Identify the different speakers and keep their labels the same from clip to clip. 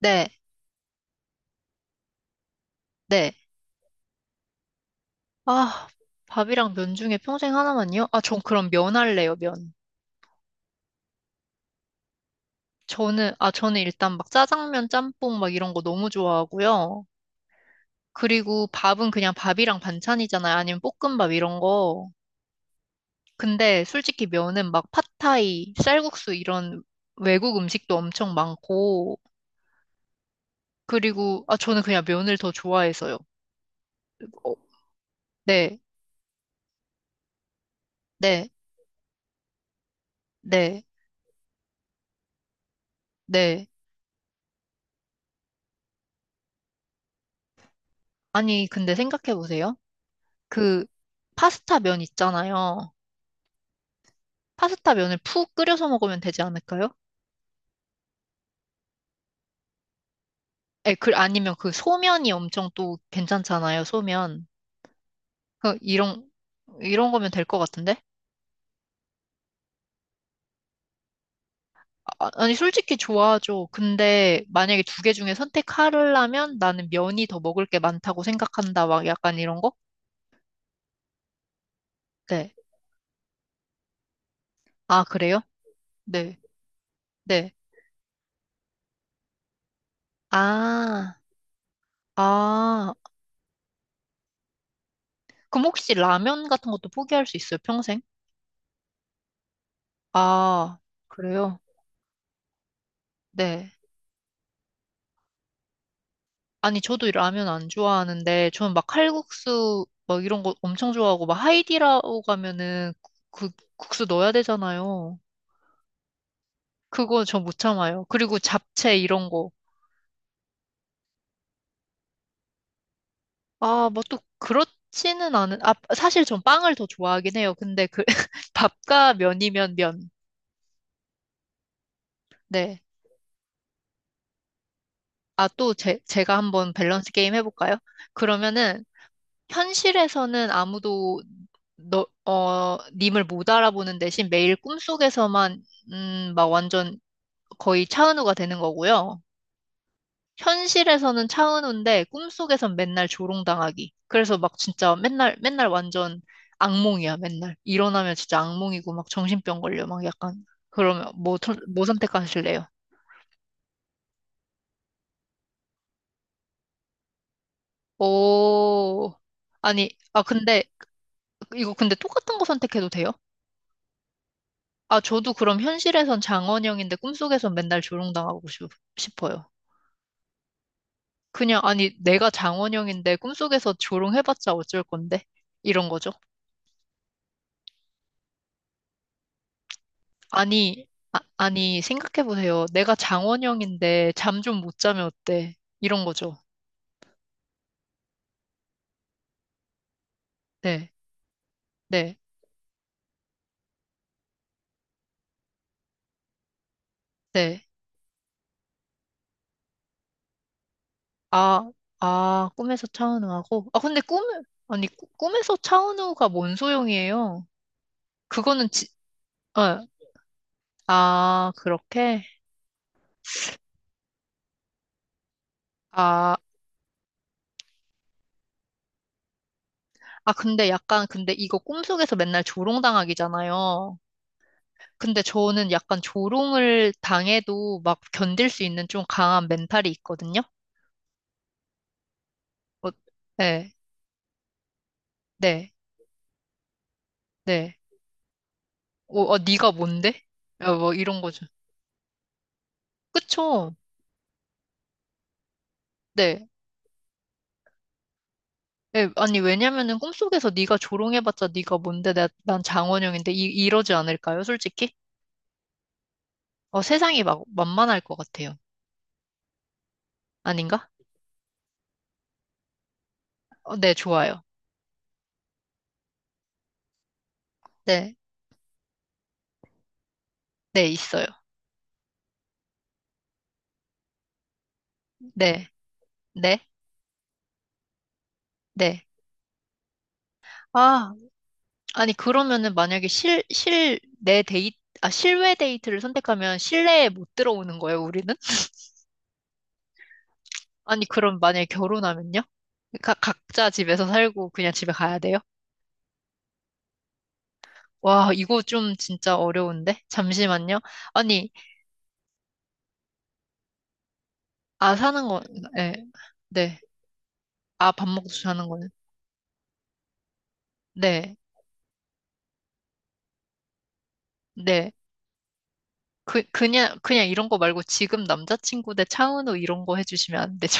Speaker 1: 네, 네. 아, 밥이랑 면 중에 평생 하나만요? 아, 전 그럼 면 할래요, 면. 저는 일단 막 짜장면, 짬뽕 막 이런 거 너무 좋아하고요. 그리고 밥은 그냥 밥이랑 반찬이잖아요. 아니면 볶음밥 이런 거. 근데 솔직히 면은 막 팟타이, 쌀국수 이런 외국 음식도 엄청 많고. 그리고, 아, 저는 그냥 면을 더 좋아해서요. 어, 네, 네, 네, 네. 아니, 근데 생각해보세요. 그, 파스타 면 있잖아요. 파스타 면을 푹 끓여서 먹으면 되지 않을까요? 에, 그, 아니면 그 소면이 엄청 또 괜찮잖아요, 소면. 그, 이런 거면 될 것 같은데? 아, 아니, 솔직히 좋아하죠. 근데 만약에 두 개 중에 선택하려면 나는 면이 더 먹을 게 많다고 생각한다, 막 약간 이런 거? 네. 아, 그래요? 네. 네. 아, 아. 그럼 혹시 라면 같은 것도 포기할 수 있어요, 평생? 아, 그래요? 네. 아니, 저도 라면 안 좋아하는데, 저는 막 칼국수, 막 이런 거 엄청 좋아하고, 막 하이디라고 가면은 그 국수 넣어야 되잖아요. 그거 저 못 참아요. 그리고 잡채 이런 거. 아, 뭐 또 그렇지는 않은, 아, 사실 전 빵을 더 좋아하긴 해요. 근데 그, 밥과 면이면 면. 네. 아, 또 제가 한번 밸런스 게임 해볼까요? 그러면은, 현실에서는 아무도 님을 못 알아보는 대신 매일 꿈속에서만, 막 완전 거의 차은우가 되는 거고요. 현실에서는 차은우인데 꿈속에선 맨날 조롱당하기. 그래서 막 진짜 맨날, 맨날 완전 악몽이야, 맨날. 일어나면 진짜 악몽이고 막 정신병 걸려, 막 약간. 그러면 뭐, 뭐 선택하실래요? 오, 아니, 아, 근데, 이거 근데 똑같은 거 선택해도 돼요? 아, 저도 그럼 현실에선 장원영인데 꿈속에선 맨날 조롱당하고 싶어요. 그냥, 아니, 내가 장원영인데 꿈속에서 조롱해봤자 어쩔 건데? 이런 거죠. 아니, 아, 아니, 생각해보세요. 내가 장원영인데 잠 좀 못 자면 어때? 이런 거죠. 네, 네, 네. 아, 아, 꿈에서 차은우하고. 아, 근데 꿈, 아니, 꿈에서 차은우가 뭔 소용이에요? 그거는 지, 어, 아, 그렇게? 아, 아, 근데 약간, 근데 이거 꿈속에서 맨날 조롱당하기잖아요. 근데 저는 약간 조롱을 당해도 막 견딜 수 있는 좀 강한 멘탈이 있거든요. 어, 네, 네, 네. 어, 어, 네가 뭔데? 야, 뭐 이런 거죠. 그쵸? 네. 네, 아니, 왜냐면은 꿈속에서 네가 조롱해봤자 네가 뭔데? 난 장원영인데 이러지 않을까요, 솔직히? 어, 세상이 막 만만할 것 같아요. 아닌가? 어, 네, 좋아요. 네, 네, 있어요. 네, 네, 네. 아. 아니, 그러면은 만약에 실내 데이트, 아, 실외 데이트를 선택하면 실내에 못 들어오는 거예요, 우리는? 아니, 그럼 만약에 결혼하면요? 각자 집에서 살고 그냥 집에 가야 돼요? 와, 이거 좀 진짜 어려운데? 잠시만요. 아니, 아, 사는 거, 네, 네. 아, 밥 먹고 자는 거는? 네, 네. 그, 그냥, 그냥 이런 거 말고 지금 남자친구 대 차은우 이런 거 해주시면 안 되죠?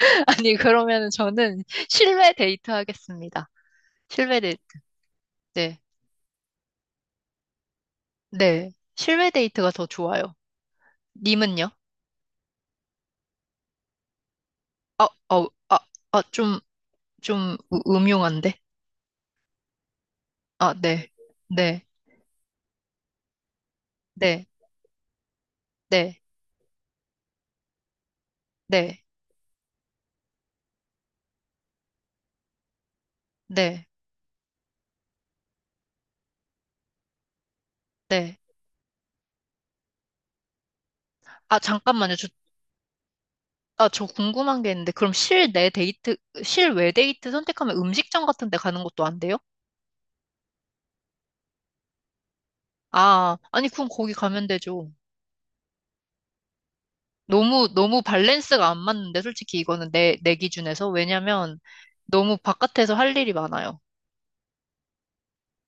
Speaker 1: 아니, 그러면은 저는 실외 데이트 하겠습니다. 실외 데이트. 네. 실외 데이트가 더 좋아요. 님은요? 어, 어, 아, 아, 좀 음흉한데? 아, 네. 네. 네. 네. 네. 네. 네. 아, 잠깐만요. 저 궁금한 게 있는데, 그럼 실내 데이트, 실외 데이트 선택하면 음식점 같은 데 가는 것도 안 돼요? 아, 아니, 그럼 거기 가면 되죠. 너무, 너무 밸런스가 안 맞는데, 솔직히 이거는 내 기준에서. 왜냐면 너무 바깥에서 할 일이 많아요.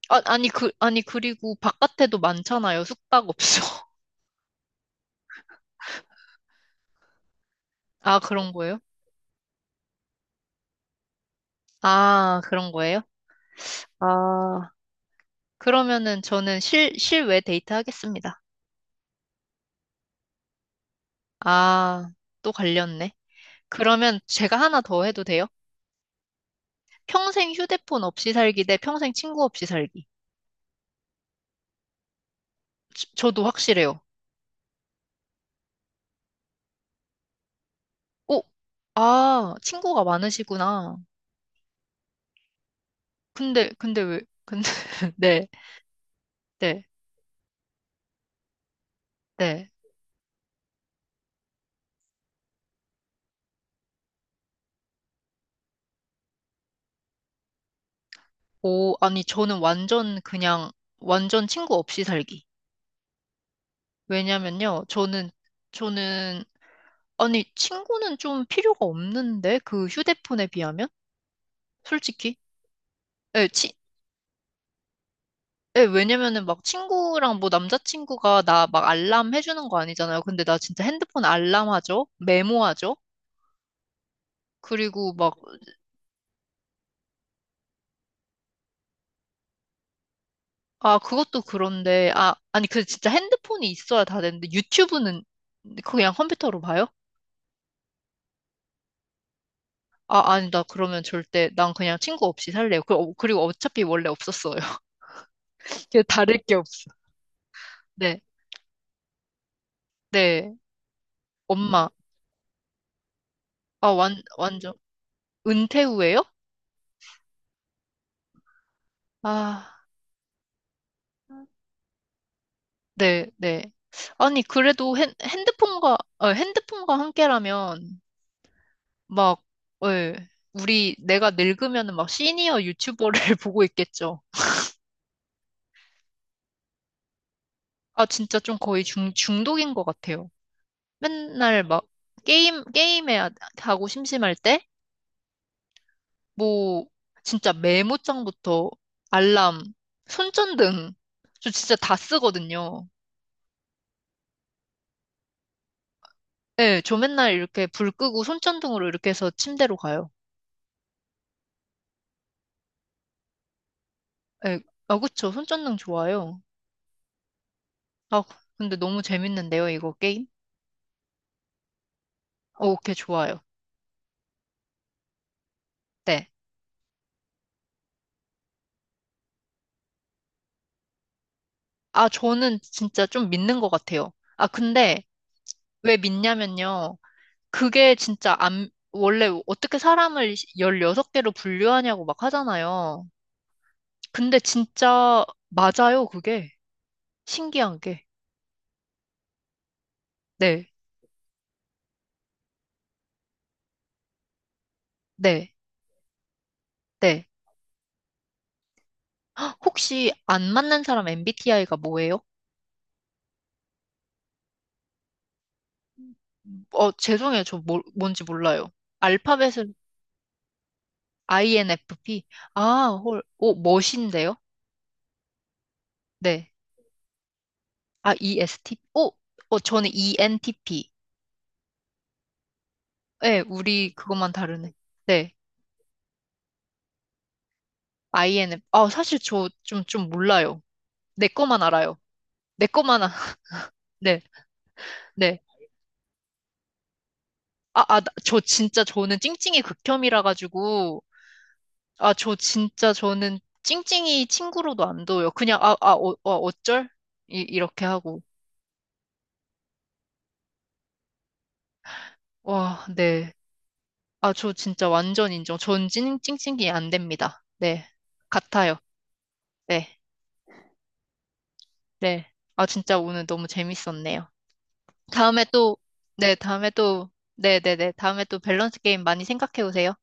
Speaker 1: 아, 아니, 그, 아니, 그리고 바깥에도 많잖아요. 숙박업소. 아, 그런 거예요? 아, 그런 거예요? 아, 그러면은 저는 실외 데이트 하겠습니다. 아, 또 갈렸네. 그러면 제가 하나 더 해도 돼요? 평생 휴대폰 없이 살기 대 평생 친구 없이 살기. 저도 확실해요. 오, 아, 친구가 많으시구나. 근데, 네, 네, 네. 오, 아니, 저는 완전 그냥, 완전 친구 없이 살기. 왜냐면요, 저는, 아니, 친구는 좀 필요가 없는데, 그 휴대폰에 비하면? 솔직히? 예, 치, 예, 왜냐면은 막 친구랑 뭐 남자친구가 나 막 알람 해주는 거 아니잖아요. 근데 나 진짜 핸드폰 알람하죠? 메모하죠? 그리고 막, 아, 그것도 그런데, 아, 아니, 그 진짜 핸드폰이 있어야 다 되는데, 유튜브는 그냥 컴퓨터로 봐요? 아, 아니, 나 그러면 절대, 난 그냥 친구 없이 살래요. 그, 어, 그리고 어차피 원래 없었어요. 그냥 다를 게 없어. 네. 네. 엄마. 아, 완전. 은퇴 후에요? 아, 네, 네. 아니, 그래도 핸드폰과 함께라면, 막, 예, 우리, 내가 늙으면은 막 시니어 유튜버를 보고 있겠죠. 아, 진짜 좀 거의 중독인 것 같아요. 맨날 막, 게임에 하고 심심할 때, 뭐, 진짜 메모장부터 알람, 손전등, 저 진짜 다 쓰거든요. 네, 저 맨날 이렇게 불 끄고 손전등으로 이렇게 해서 침대로 가요. 네, 아, 그쵸. 손전등 좋아요. 아, 근데 너무 재밌는데요, 이거 게임? 어, 오케이, 좋아요. 네. 아, 저는 진짜 좀 믿는 것 같아요. 아, 근데 왜 믿냐면요. 그게 진짜 안, 원래 어떻게 사람을 16개로 분류하냐고 막 하잖아요. 근데 진짜 맞아요, 그게. 신기한 게. 네, 네, 네. 혹시 안 맞는 사람 MBTI가 뭐예요? 어, 죄송해요. 저 뭐, 뭔지 몰라요. 알파벳은 INFP. 아, 헐. 오, 멋인데요? 네. 아, ESTP. 오, 어, 저는 ENTP. 네, 우리 그것만 다르네. 네. INF. 아, 사실 저 좀, 몰라요 내 것만 알아요. 내 것만, 아, 네, 네. 아, 아, 저 진짜 저는 찡찡이 극혐이라 가지고, 아, 저 진짜 저는 찡찡이 친구로도 안 둬요. 그냥, 아, 아, 어, 어, 어쩔? 이렇게 하고. 와, 네. 아, 저 진짜 완전 인정. 전 찡찡이 안 됩니다. 네. 같아요. 네. 네. 아, 진짜 오늘 너무 재밌었네요. 다음에 또, 네, 다음에 또, 네네네. 다음에 또 밸런스 게임 많이 생각해 오세요.